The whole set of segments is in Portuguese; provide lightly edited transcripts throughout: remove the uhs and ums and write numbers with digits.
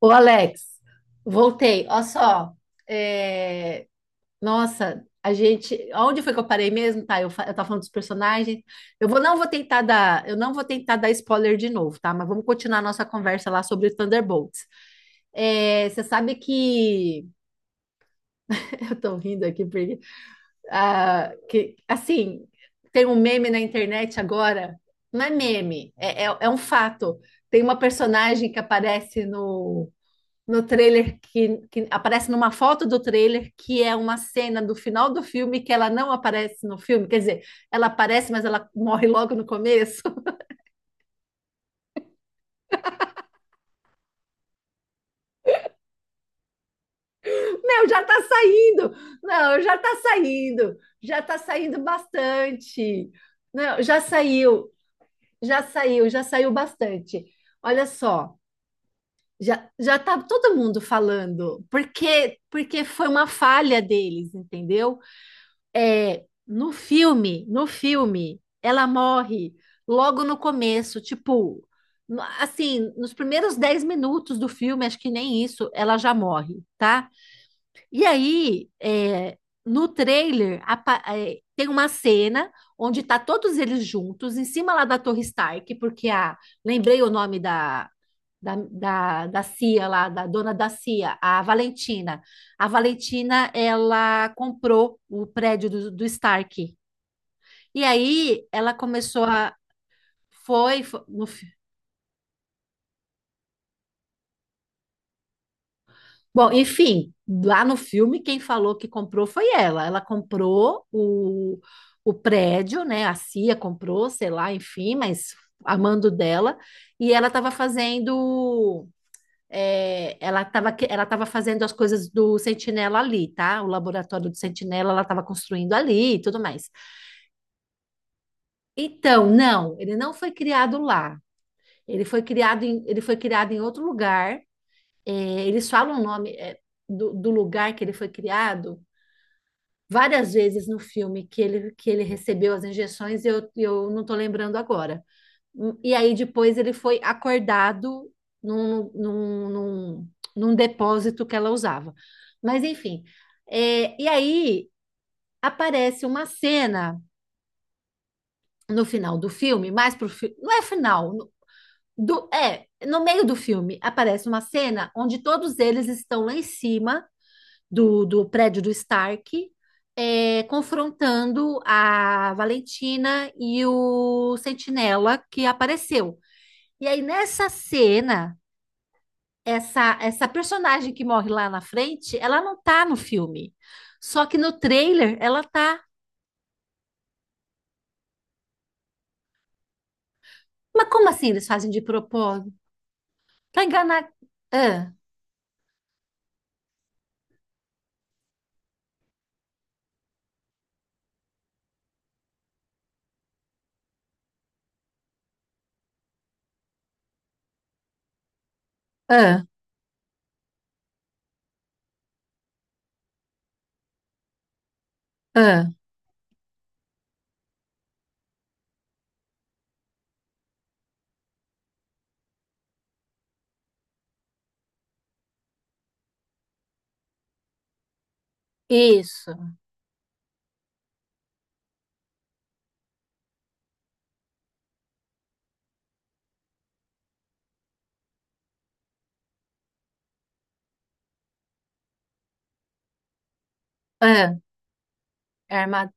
Ô, Alex, voltei. Olha só, é, nossa, onde foi que eu parei mesmo? Tá, eu tava falando dos personagens. Não vou tentar dar, eu não vou tentar dar spoiler de novo, tá? Mas vamos continuar a nossa conversa lá sobre Thunderbolts. É, você sabe que eu tô rindo aqui porque, assim, tem um meme na internet agora. Não é meme, é um fato. Tem uma personagem que aparece no trailer que aparece numa foto do trailer que é uma cena do final do filme que ela não aparece no filme, quer dizer, ela aparece, mas ela morre logo no começo. Meu, já tá saindo. Não, já tá saindo. Já tá saindo bastante. Não, já saiu. Já saiu, já saiu bastante. Olha só, já tá todo mundo falando, porque foi uma falha deles, entendeu? É, no filme, ela morre logo no começo, tipo, assim, nos primeiros 10 minutos do filme, acho que nem isso, ela já morre, tá? E aí, é, no trailer, tem uma cena onde tá todos eles juntos, em cima lá da Torre Stark, porque a, lembrei o nome da CIA lá, da dona da CIA, a Valentina. A Valentina, ela comprou o prédio do Stark. E aí, ela começou a, foi, fo- no, bom, enfim, lá no filme, quem falou que comprou foi ela. Ela comprou o prédio, né? A CIA comprou, sei lá, enfim, mas a mando dela. E ela estava fazendo. É, ela tava fazendo as coisas do Sentinela ali, tá? O laboratório do Sentinela ela estava construindo ali e tudo mais. Então, não, ele não foi criado lá. Ele foi criado em outro lugar. É, eles falam o nome é, do lugar que ele foi criado várias vezes no filme que ele recebeu as injeções, e eu não estou lembrando agora. E aí depois ele foi acordado num, num, num, num depósito que ela usava. Mas enfim, é, e aí aparece uma cena no final do filme, mais pro filme, não é final, no meio do filme aparece uma cena onde todos eles estão lá em cima do prédio do Stark, é, confrontando a Valentina e o Sentinela que apareceu. E aí, nessa cena, essa personagem que morre lá na frente, ela não tá no filme. Só que no trailer ela tá. Mas como assim eles fazem de propósito? Pra enganar. Ah, ah, ah. Isso. Ah, é armado.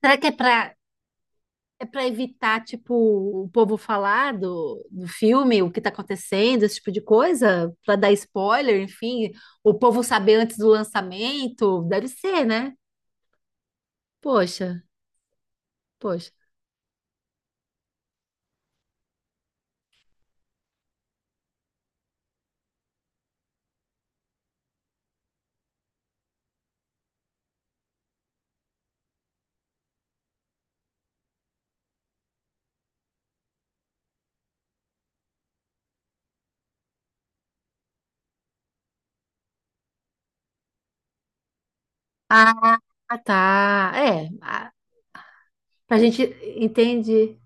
Será que é pra. É para evitar, tipo, o povo falar do filme, o que tá acontecendo, esse tipo de coisa, para dar spoiler, enfim, o povo saber antes do lançamento, deve ser, né? Poxa, poxa. Ah, tá. É, ah, a gente entende,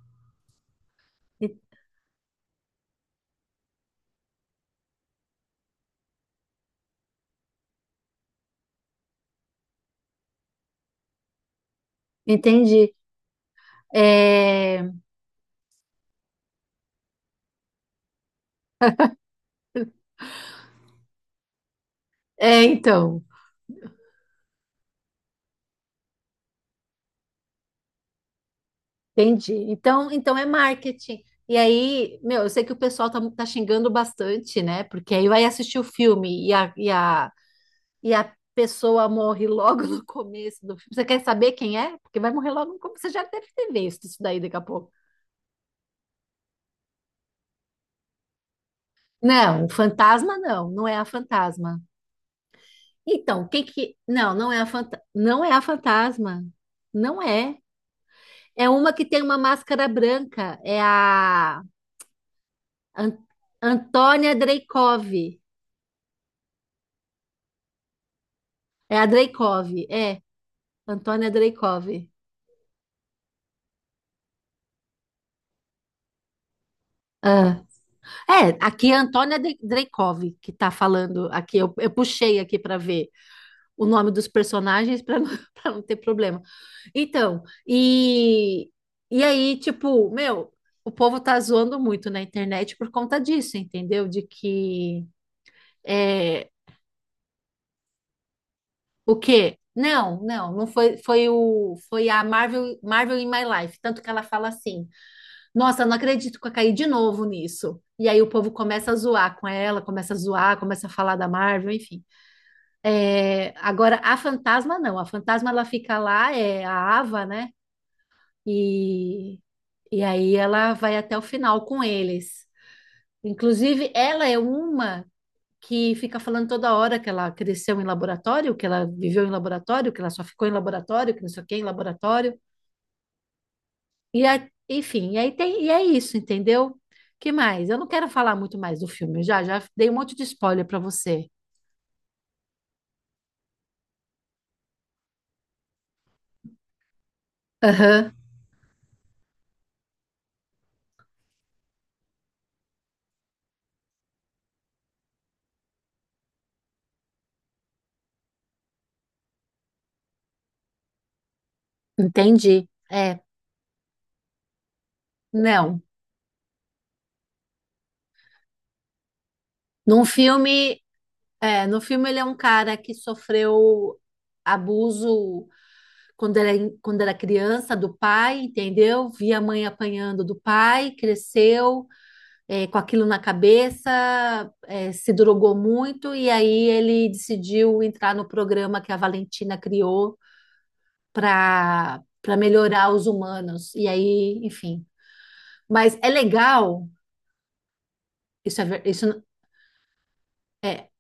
entende. É, é, então, entendi. Então, então é marketing. E aí, meu, eu sei que o pessoal tá xingando bastante, né? Porque aí vai assistir o filme e a pessoa morre logo no começo do filme. Você quer saber quem é? Porque vai morrer logo no começo. Você já deve ter visto isso daí daqui a pouco. Não, fantasma não, não é a fantasma. Então, quem que que. Não, não é a fanta... não é a fantasma. Não é. É uma que tem uma máscara branca. É a An- Antônia Dreikov. É a Dreikov, é. Antônia Dreikov. Ah. É, aqui é a Dreikov que tá falando aqui. Eu puxei aqui para ver o nome dos personagens para não, pra não ter problema. Então, e aí, tipo, meu, o povo tá zoando muito na internet por conta disso, entendeu? De que é, o quê? Não, não, não foi, foi o, foi a Marvel, Marvel in My Life, tanto que ela fala assim: "Nossa, não acredito que eu caí de novo nisso". E aí o povo começa a zoar com ela, começa a zoar, começa a falar da Marvel, enfim. É, agora a fantasma não, a fantasma ela fica lá, é a Ava, né? E, e aí ela vai até o final com eles. Inclusive, ela é uma que fica falando toda hora que ela cresceu em laboratório, que ela viveu em laboratório, que ela só ficou em laboratório, que não sei o que, em laboratório. Enfim, e aí tem, e é isso, entendeu? Que mais? Eu não quero falar muito mais do filme, eu já dei um monte de spoiler para você. Aham, entendi. É, não. Num filme, é, no filme ele é um cara que sofreu abuso quando era, quando era criança, do pai, entendeu? Via a mãe apanhando do pai, cresceu é, com aquilo na cabeça, é, se drogou muito, e aí ele decidiu entrar no programa que a Valentina criou para melhorar os humanos. E aí, enfim. Mas é legal, isso é, ver- isso n- é,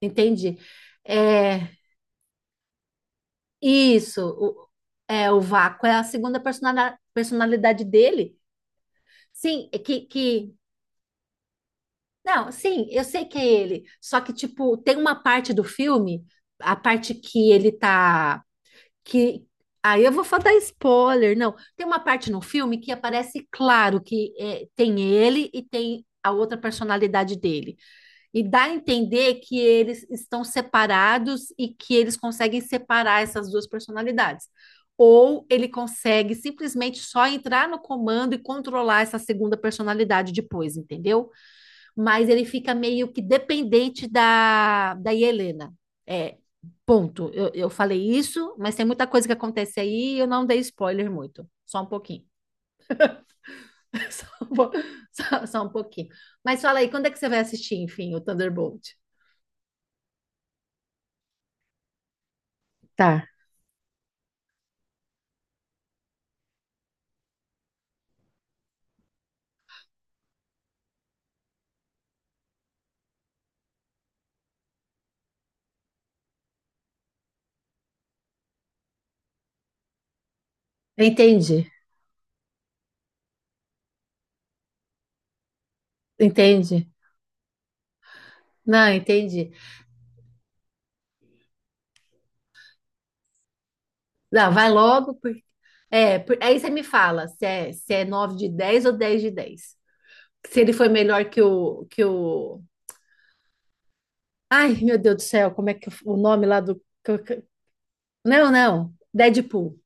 entendi. É, isso, o, é, o Vácuo é a segunda personalidade dele. Sim, é que, não, sim, eu sei que é ele. Só que, tipo, tem uma parte do filme, a parte que ele tá. Que... Aí eu vou só dar spoiler, não. Tem uma parte no filme que aparece claro que é, tem ele e tem a outra personalidade dele. E dá a entender que eles estão separados e que eles conseguem separar essas duas personalidades. Ou ele consegue simplesmente só entrar no comando e controlar essa segunda personalidade depois, entendeu? Mas ele fica meio que dependente da Helena. É, ponto. Eu falei isso, mas tem muita coisa que acontece aí e eu não dei spoiler muito. Só um pouquinho. Só um, po- só um pouquinho. Mas fala aí, quando é que você vai assistir, enfim, o Thunderbolt? Tá, entendi, entendi. Não, entendi. Não, vai logo, porque... É, aí você me fala se é, se é 9 de 10 ou 10 de 10, se ele foi melhor que o ai, meu Deus do céu, como é que eu- o nome lá do. Não, não, Deadpool.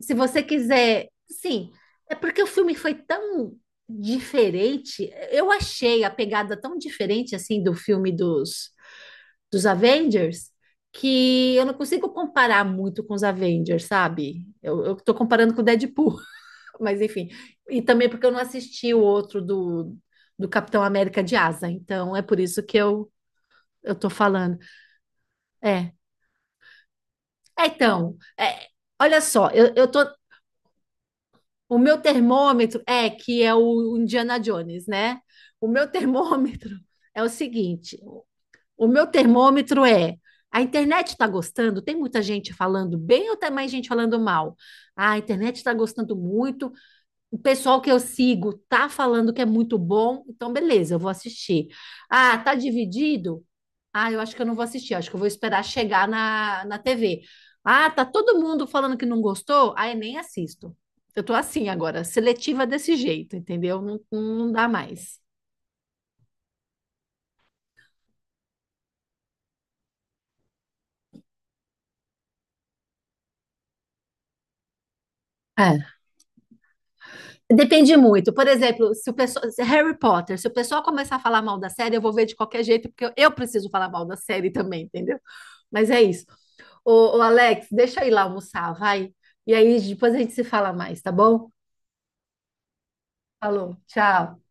Se você quiser. Sim, é porque o filme foi tão diferente. Eu achei a pegada tão diferente assim do filme dos Avengers que eu não consigo comparar muito com os Avengers, sabe? Eu tô comparando com o Deadpool, mas enfim. E também porque eu não assisti o outro do Capitão América de Asa, então é por isso que eu tô falando. É. É, então, é, olha só, eu tô, o meu termômetro é que é o Indiana Jones, né? O meu termômetro é o seguinte: o meu termômetro é a internet está gostando, tem muita gente falando bem ou tem mais gente falando mal? Ah, a internet está gostando muito, o pessoal que eu sigo tá falando que é muito bom, então beleza, eu vou assistir. Ah, tá dividido? Ah, eu acho que eu não vou assistir, eu acho que eu vou esperar chegar na, na TV. Ah, tá todo mundo falando que não gostou? Ah, eu nem assisto. Eu tô assim agora, seletiva desse jeito, entendeu? Não, não dá mais. É. Depende muito. Por exemplo, se o pessoal, se Harry Potter, se o pessoal começar a falar mal da série, eu vou ver de qualquer jeito, porque eu preciso falar mal da série também, entendeu? Mas é isso. Ô, Alex, deixa eu ir lá almoçar, vai. E aí depois a gente se fala mais, tá bom? Falou, tchau.